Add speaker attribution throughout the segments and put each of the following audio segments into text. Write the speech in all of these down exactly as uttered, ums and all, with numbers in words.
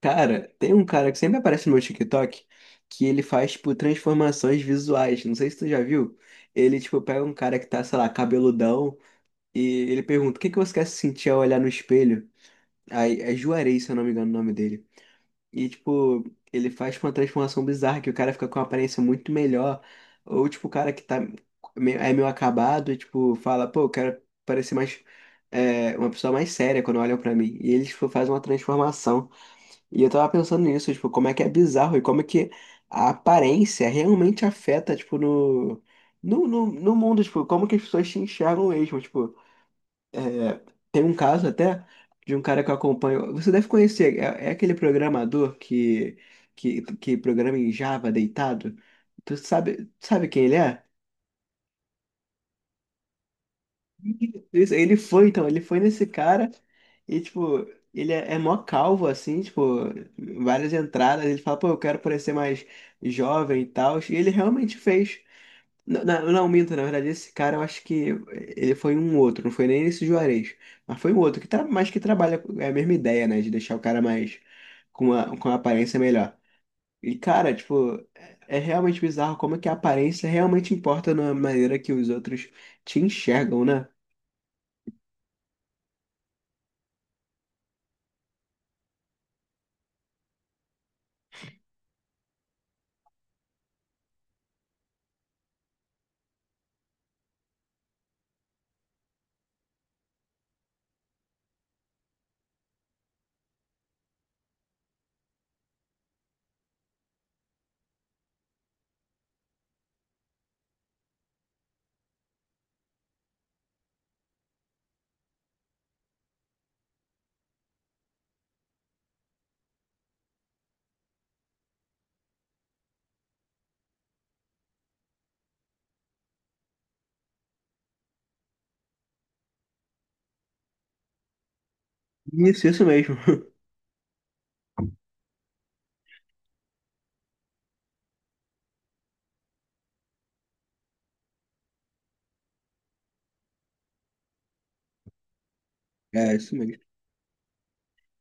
Speaker 1: Cara, tem um cara que sempre aparece no meu TikTok que ele faz, tipo, transformações visuais. Não sei se tu já viu. Ele, tipo, pega um cara que tá, sei lá, cabeludão e ele pergunta: o que que você quer se sentir ao olhar no espelho? Aí é Juarez, se eu não me engano, o nome dele. E, tipo, ele faz uma transformação bizarra que o cara fica com uma aparência muito melhor. Ou, tipo, o cara que tá meio- é meio acabado e, tipo, fala: pô, eu quero parecer mais. É, uma pessoa mais séria quando olham pra mim. E eles, tipo, fazem uma transformação. E eu tava pensando nisso, tipo, como é que é bizarro e como é que a aparência realmente afeta, tipo, no, no, no, no mundo, tipo, como que as pessoas se enxergam mesmo, tipo, é, tem um caso até de um cara que eu acompanho, você deve conhecer, é, é aquele programador que, que, que programa em Java deitado, tu sabe, sabe quem ele é? Isso, ele foi, então, ele foi nesse cara e, tipo, ele é, é mó calvo, assim, tipo, várias entradas. Ele fala, pô, eu quero parecer mais jovem e tal. E ele realmente fez. Não, não, não, minto, na verdade, esse cara eu acho que ele foi um outro, não foi nem esse Juarez, mas foi um outro, que tra... mas que trabalha, com- é a mesma ideia, né, de deixar o cara mais, com uma, com uma aparência melhor. E, cara, tipo, é é realmente bizarro como é que a aparência realmente importa na maneira que os outros te enxergam, né? Isso, isso mesmo. É, isso mesmo.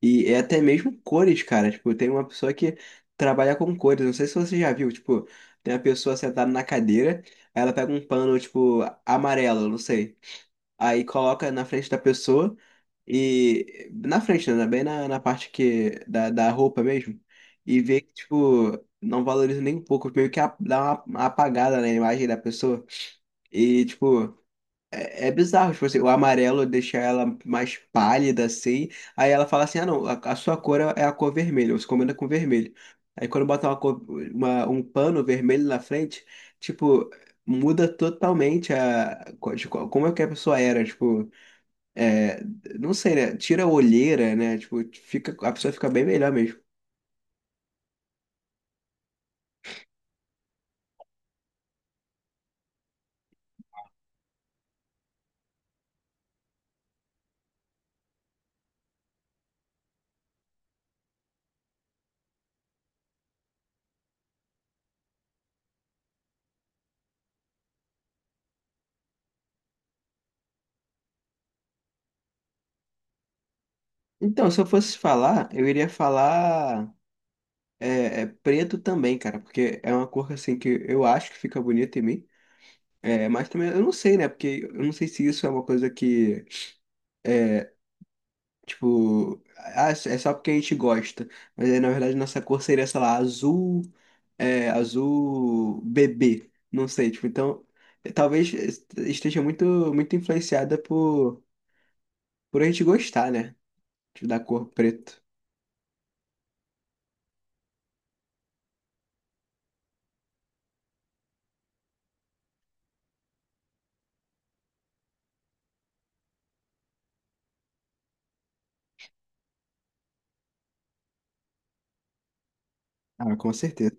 Speaker 1: E é até mesmo cores, cara. Tipo, tem uma pessoa que trabalha com cores. Não sei se você já viu. Tipo, tem uma pessoa sentada na cadeira, aí ela pega um pano, tipo, amarelo, não sei. Aí coloca na frente da pessoa e. Na frente, né? Bem na, na parte que. Da, da roupa mesmo. E vê que, tipo, não valoriza nem um pouco. Meio que a- dá uma uma apagada na imagem da pessoa. E, tipo. É, é bizarro, tipo assim, o amarelo deixa ela mais pálida assim. Aí ela fala assim: ah, não, a, a sua cor é é a cor vermelha, você combina com vermelho. Aí quando bota uma cor- uma- um pano vermelho na frente, tipo, muda totalmente a, co- de co- como é que a pessoa era. Tipo, é, não sei, né? Tira a olheira, né? Tipo, fica, a pessoa fica bem melhor mesmo. Então, se eu fosse falar, eu iria falar é, é, preto também, cara, porque é uma cor assim que eu acho que fica bonita em mim. É, mas também eu não sei, né? Porque eu não sei se isso é uma coisa que é, tipo, ah, é só porque a gente gosta. Mas aí, na verdade, nossa cor seria, sei lá, azul, é, azul bebê. Não sei, tipo, então, talvez esteja muito, muito influenciada por, por a gente gostar, né? Tipo, da cor preto. Ah, com certeza.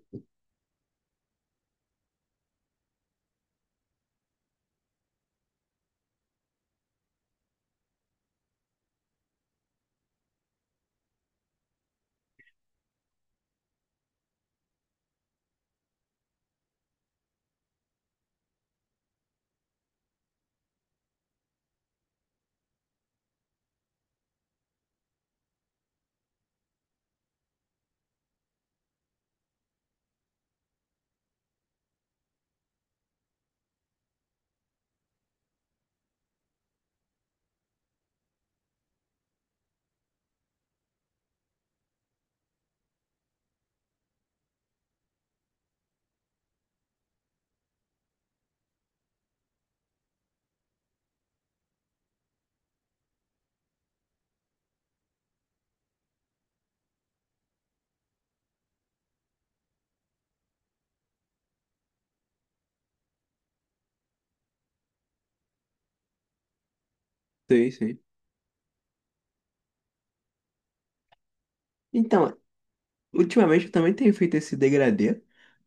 Speaker 1: Sim, sim. Então, ultimamente eu também tenho feito esse degradê.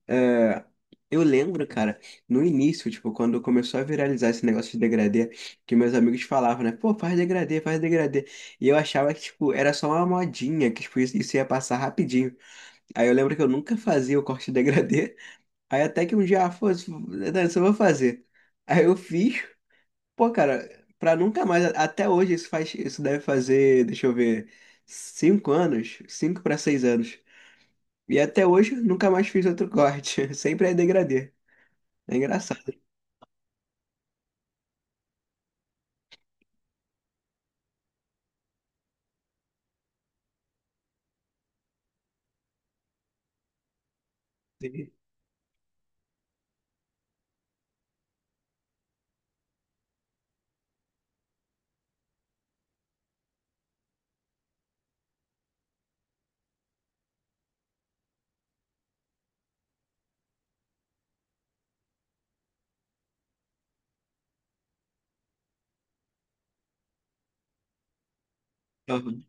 Speaker 1: É, eu lembro, cara, no início, tipo, quando começou a viralizar esse negócio de degradê, que meus amigos falavam, né? Pô, faz degradê, faz degradê. E eu achava que, tipo, era só uma modinha, que, tipo, isso isso ia passar rapidinho. Aí eu lembro que eu nunca fazia o corte de degradê. Aí até que um dia, ah, foda-se, isso eu vou fazer. Aí eu fiz. Pô, cara, pra nunca mais, a- até hoje isso faz, isso deve fazer, deixa eu ver, cinco anos, cinco pra seis anos. E até hoje nunca mais fiz outro corte. Sempre é degradê. É engraçado. Assim. Aham.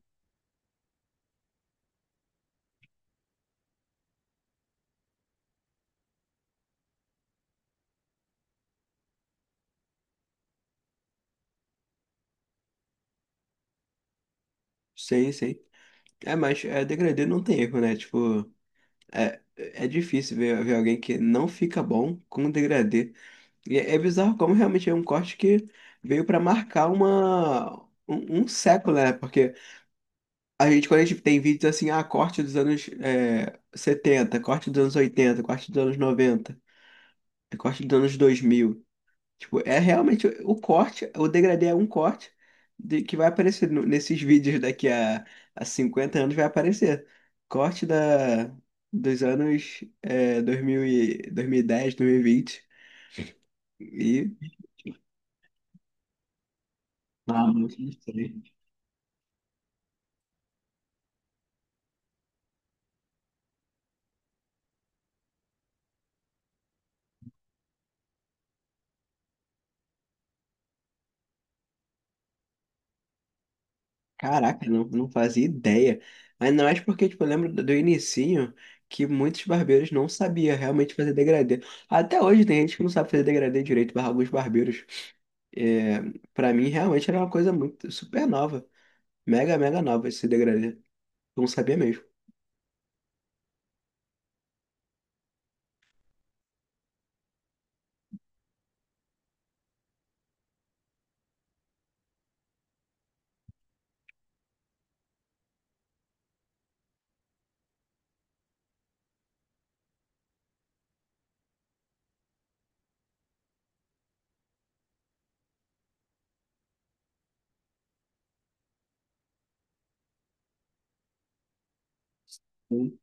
Speaker 1: Sei, sei. É, mas é, degradê não tem erro, né? Tipo, é, é difícil ver, ver alguém que não fica bom com degradê. E é, é bizarro como realmente é um corte que veio pra marcar uma, um, um século, né? Porque a gente, quando a gente tem vídeos assim, ah, corte dos anos é, setenta, corte dos anos oitenta, corte dos anos noventa, corte dos anos dois mil. Tipo, é realmente o corte, o degradê é um corte de- que vai aparecer no- nesses vídeos daqui a, a cinquenta anos, vai aparecer. Corte da, dos anos é, dois mil e, dois mil e dez, dois mil e vinte. E. dez, dois mil e vinte. E. Ah, muito estranho. Caraca, não, não fazia ideia. Ainda mais porque, tipo, eu lembro do, do inicinho que muitos barbeiros não sabiam realmente fazer degradê. Até hoje tem gente que não sabe fazer degradê direito, barra alguns barbeiros. É, para mim, realmente era uma coisa muito super nova. Mega, mega nova esse degradê. Não sabia mesmo. Hum.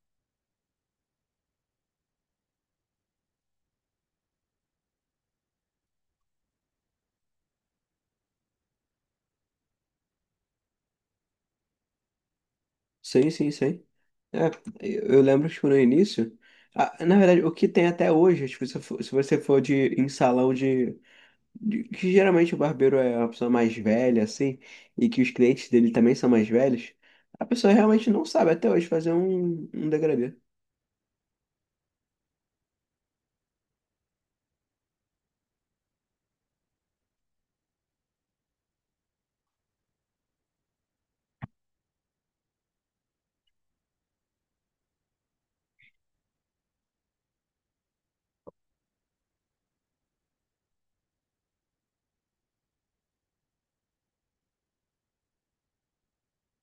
Speaker 1: Sim, sim, sim. É, eu eu lembro, tipo, no início. Ah, na verdade, o que tem até hoje, tipo, se, for- se você for de, em salão de, de- que geralmente o barbeiro é uma pessoa mais velha, assim, e que os clientes dele também são mais velhos, a pessoa realmente não sabe até hoje fazer um, um degradê.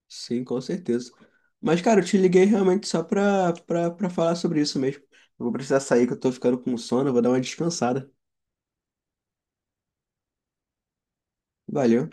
Speaker 1: Sim, com certeza. Mas, cara, eu te liguei realmente só pra, pra, pra falar sobre isso mesmo. Eu vou precisar sair, que eu tô ficando com sono, eu vou dar uma descansada. Valeu.